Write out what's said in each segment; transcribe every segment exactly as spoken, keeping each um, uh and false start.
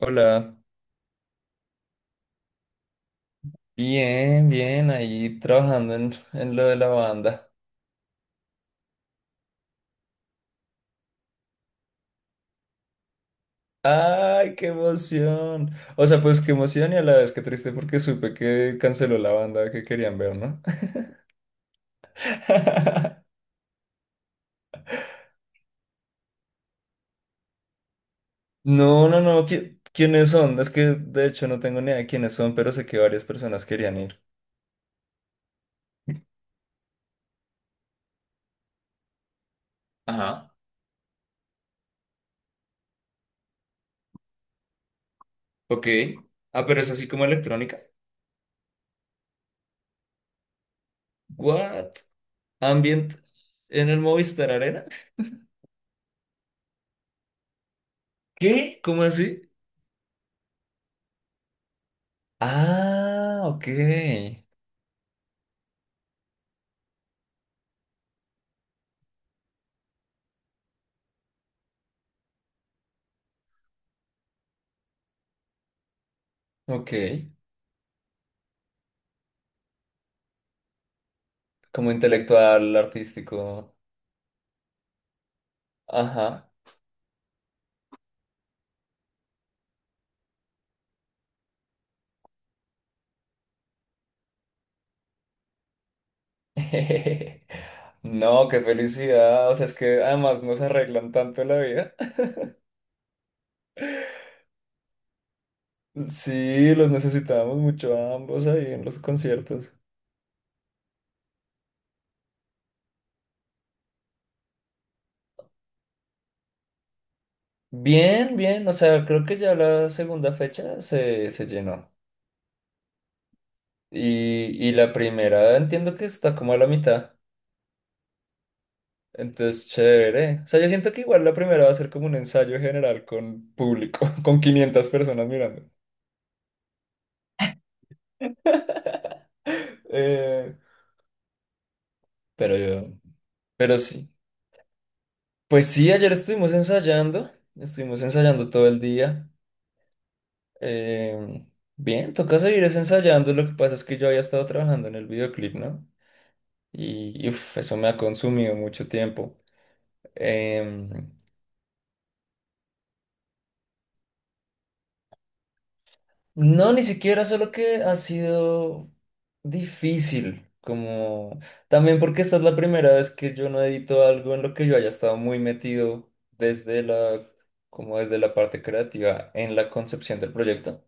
Hola, bien, bien, ahí trabajando en, en lo de la banda. ¡Ay, qué emoción! O sea, pues qué emoción y a la vez qué triste porque supe que canceló la banda que querían ver, ¿no? No, no, no, ¿qui- ¿quiénes son? Es que de hecho no tengo ni idea de quiénes son, pero sé que varias personas querían ir. Ajá, ok. Ah, pero es así como electrónica. ¿What? ¿Ambient en el Movistar Arena? ¿Qué? ¿Cómo así? Ah, ok, ok. Como intelectual, artístico. Ajá. No, qué felicidad. O sea, es que además nos arreglan tanto la vida. Sí, los necesitábamos mucho a ambos ahí en los conciertos. Bien, bien. O sea, creo que ya la segunda fecha se, se llenó. Y, y la primera entiendo que está como a la mitad. Entonces, chévere. O sea, yo siento que igual la primera va a ser como un ensayo general con público, con quinientas personas mirando. Eh, pero yo, pero sí. Pues sí, ayer estuvimos ensayando, estuvimos ensayando todo el día. em, bien, toca seguir es ensayando, lo que pasa es que yo había estado trabajando en el videoclip, ¿no? Y uf, eso me ha consumido mucho tiempo. Em, no, ni siquiera, solo que ha sido difícil, como también porque esta es la primera vez que yo no edito algo en lo que yo haya estado muy metido desde la, como desde la parte creativa en la concepción del proyecto.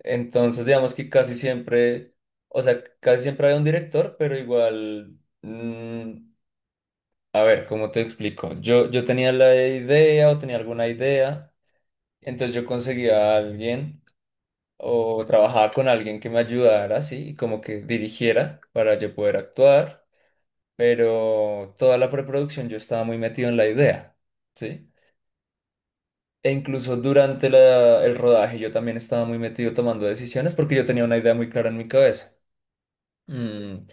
Entonces, digamos que casi siempre, o sea, casi siempre había un director, pero igual, mm, a ver, ¿cómo te explico? Yo, yo tenía la idea o tenía alguna idea, entonces yo conseguía a alguien o trabajaba con alguien que me ayudara, sí, y como que dirigiera para yo poder actuar, pero toda la preproducción yo estaba muy metido en la idea, ¿sí? E incluso durante la- el rodaje yo también estaba muy metido tomando decisiones porque yo tenía una idea muy clara en mi cabeza. Mm,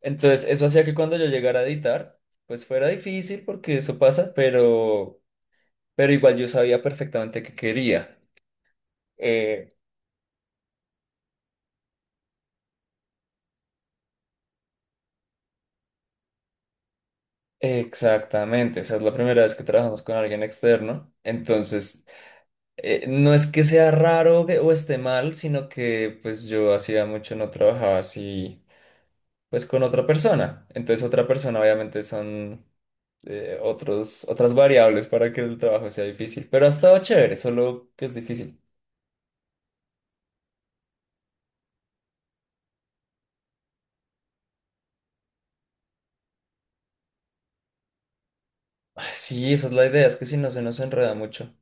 Entonces, eso hacía que cuando yo llegara a editar, pues fuera difícil porque eso pasa, pero, pero igual yo sabía perfectamente qué quería. Eh, exactamente, o sea, es la primera vez que trabajamos con alguien externo, entonces eh, no es que sea raro que- o esté mal, sino que pues yo hacía mucho no trabajaba así, pues con otra persona. Entonces otra persona obviamente son eh, otros, otras variables para que el trabajo sea difícil, pero ha estado chévere, solo que es difícil. Ah, sí, esa es la idea, es que si no se nos enreda mucho.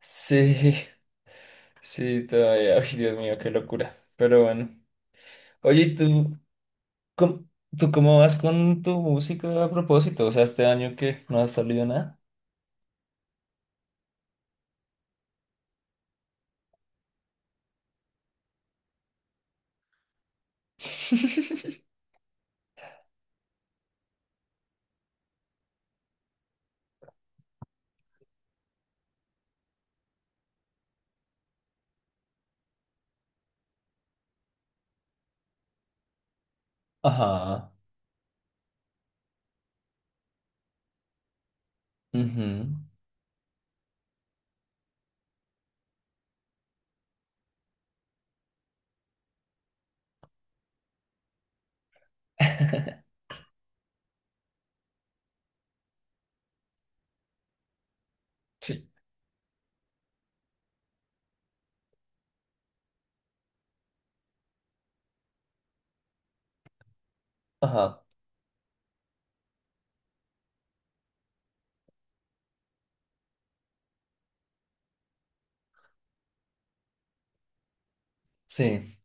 Sí, sí, todavía. Ay, Dios mío, qué locura. Pero bueno. Oye, ¿y tú, cómo, tú cómo vas con tu música a propósito? O sea, este año que no ha salido nada. Ajá. Ujú, sí. Ajá. Sí.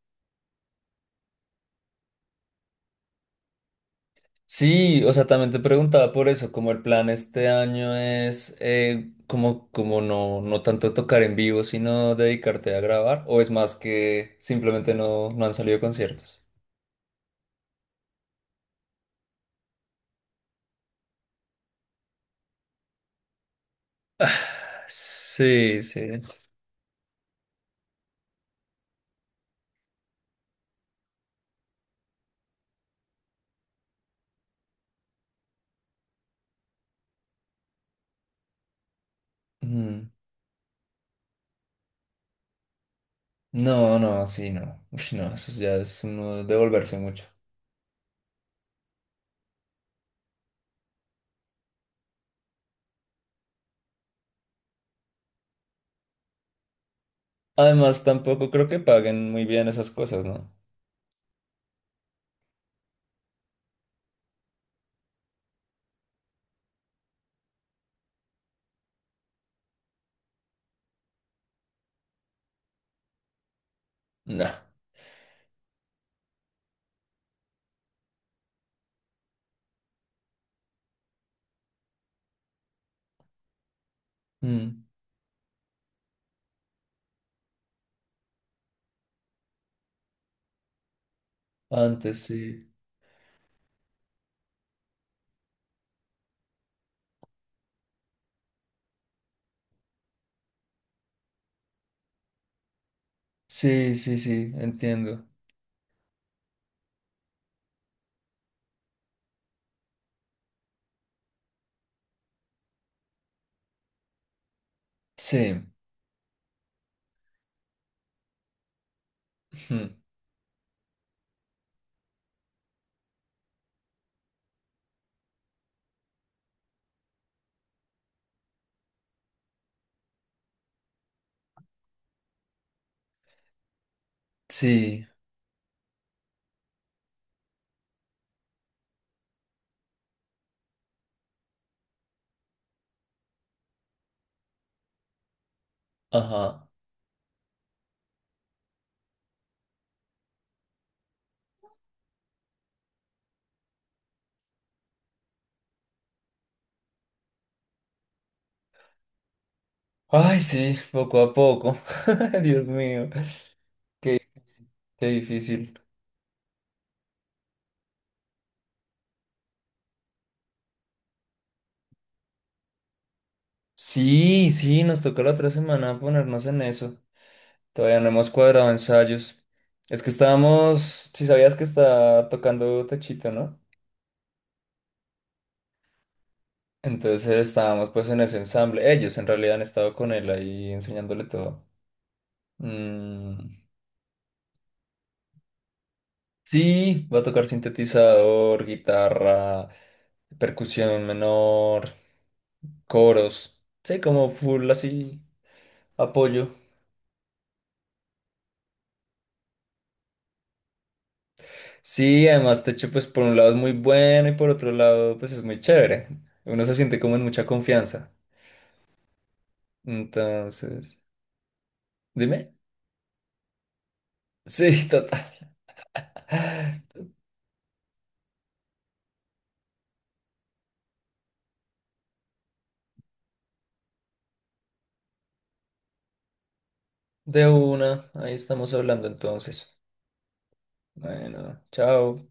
Sí, o sea, también te preguntaba por eso, como el plan este año es eh, como, como no, no tanto tocar en vivo, sino dedicarte a grabar, o es más que simplemente no, no han salido conciertos. Sí, sí. Mm, no, no, sí, no. Uy, no, eso ya es uno devolverse mucho. Además, tampoco creo que paguen muy bien esas cosas, ¿no? No. Mm, antes sí. Sí, sí, sí, entiendo. Sí. Ujú, sí. Ajá. Ay, sí, poco a poco. Dios mío, qué, qué difícil. Sí, sí, nos toca la otra semana ponernos en eso. Todavía no hemos cuadrado ensayos. Es que estábamos, si sabías que está tocando Techito, ¿no? Entonces estábamos pues en ese ensamble. Ellos en realidad han estado con él ahí enseñándole todo. Mm, sí, va a tocar sintetizador, guitarra, percusión menor, coros. Sí, como full así. Apoyo. Sí, además Techo pues por un lado es muy bueno y por otro lado pues es muy chévere. Uno se siente como en mucha confianza. Entonces, dime. Sí, total. De una, ahí estamos hablando entonces. Bueno, chao.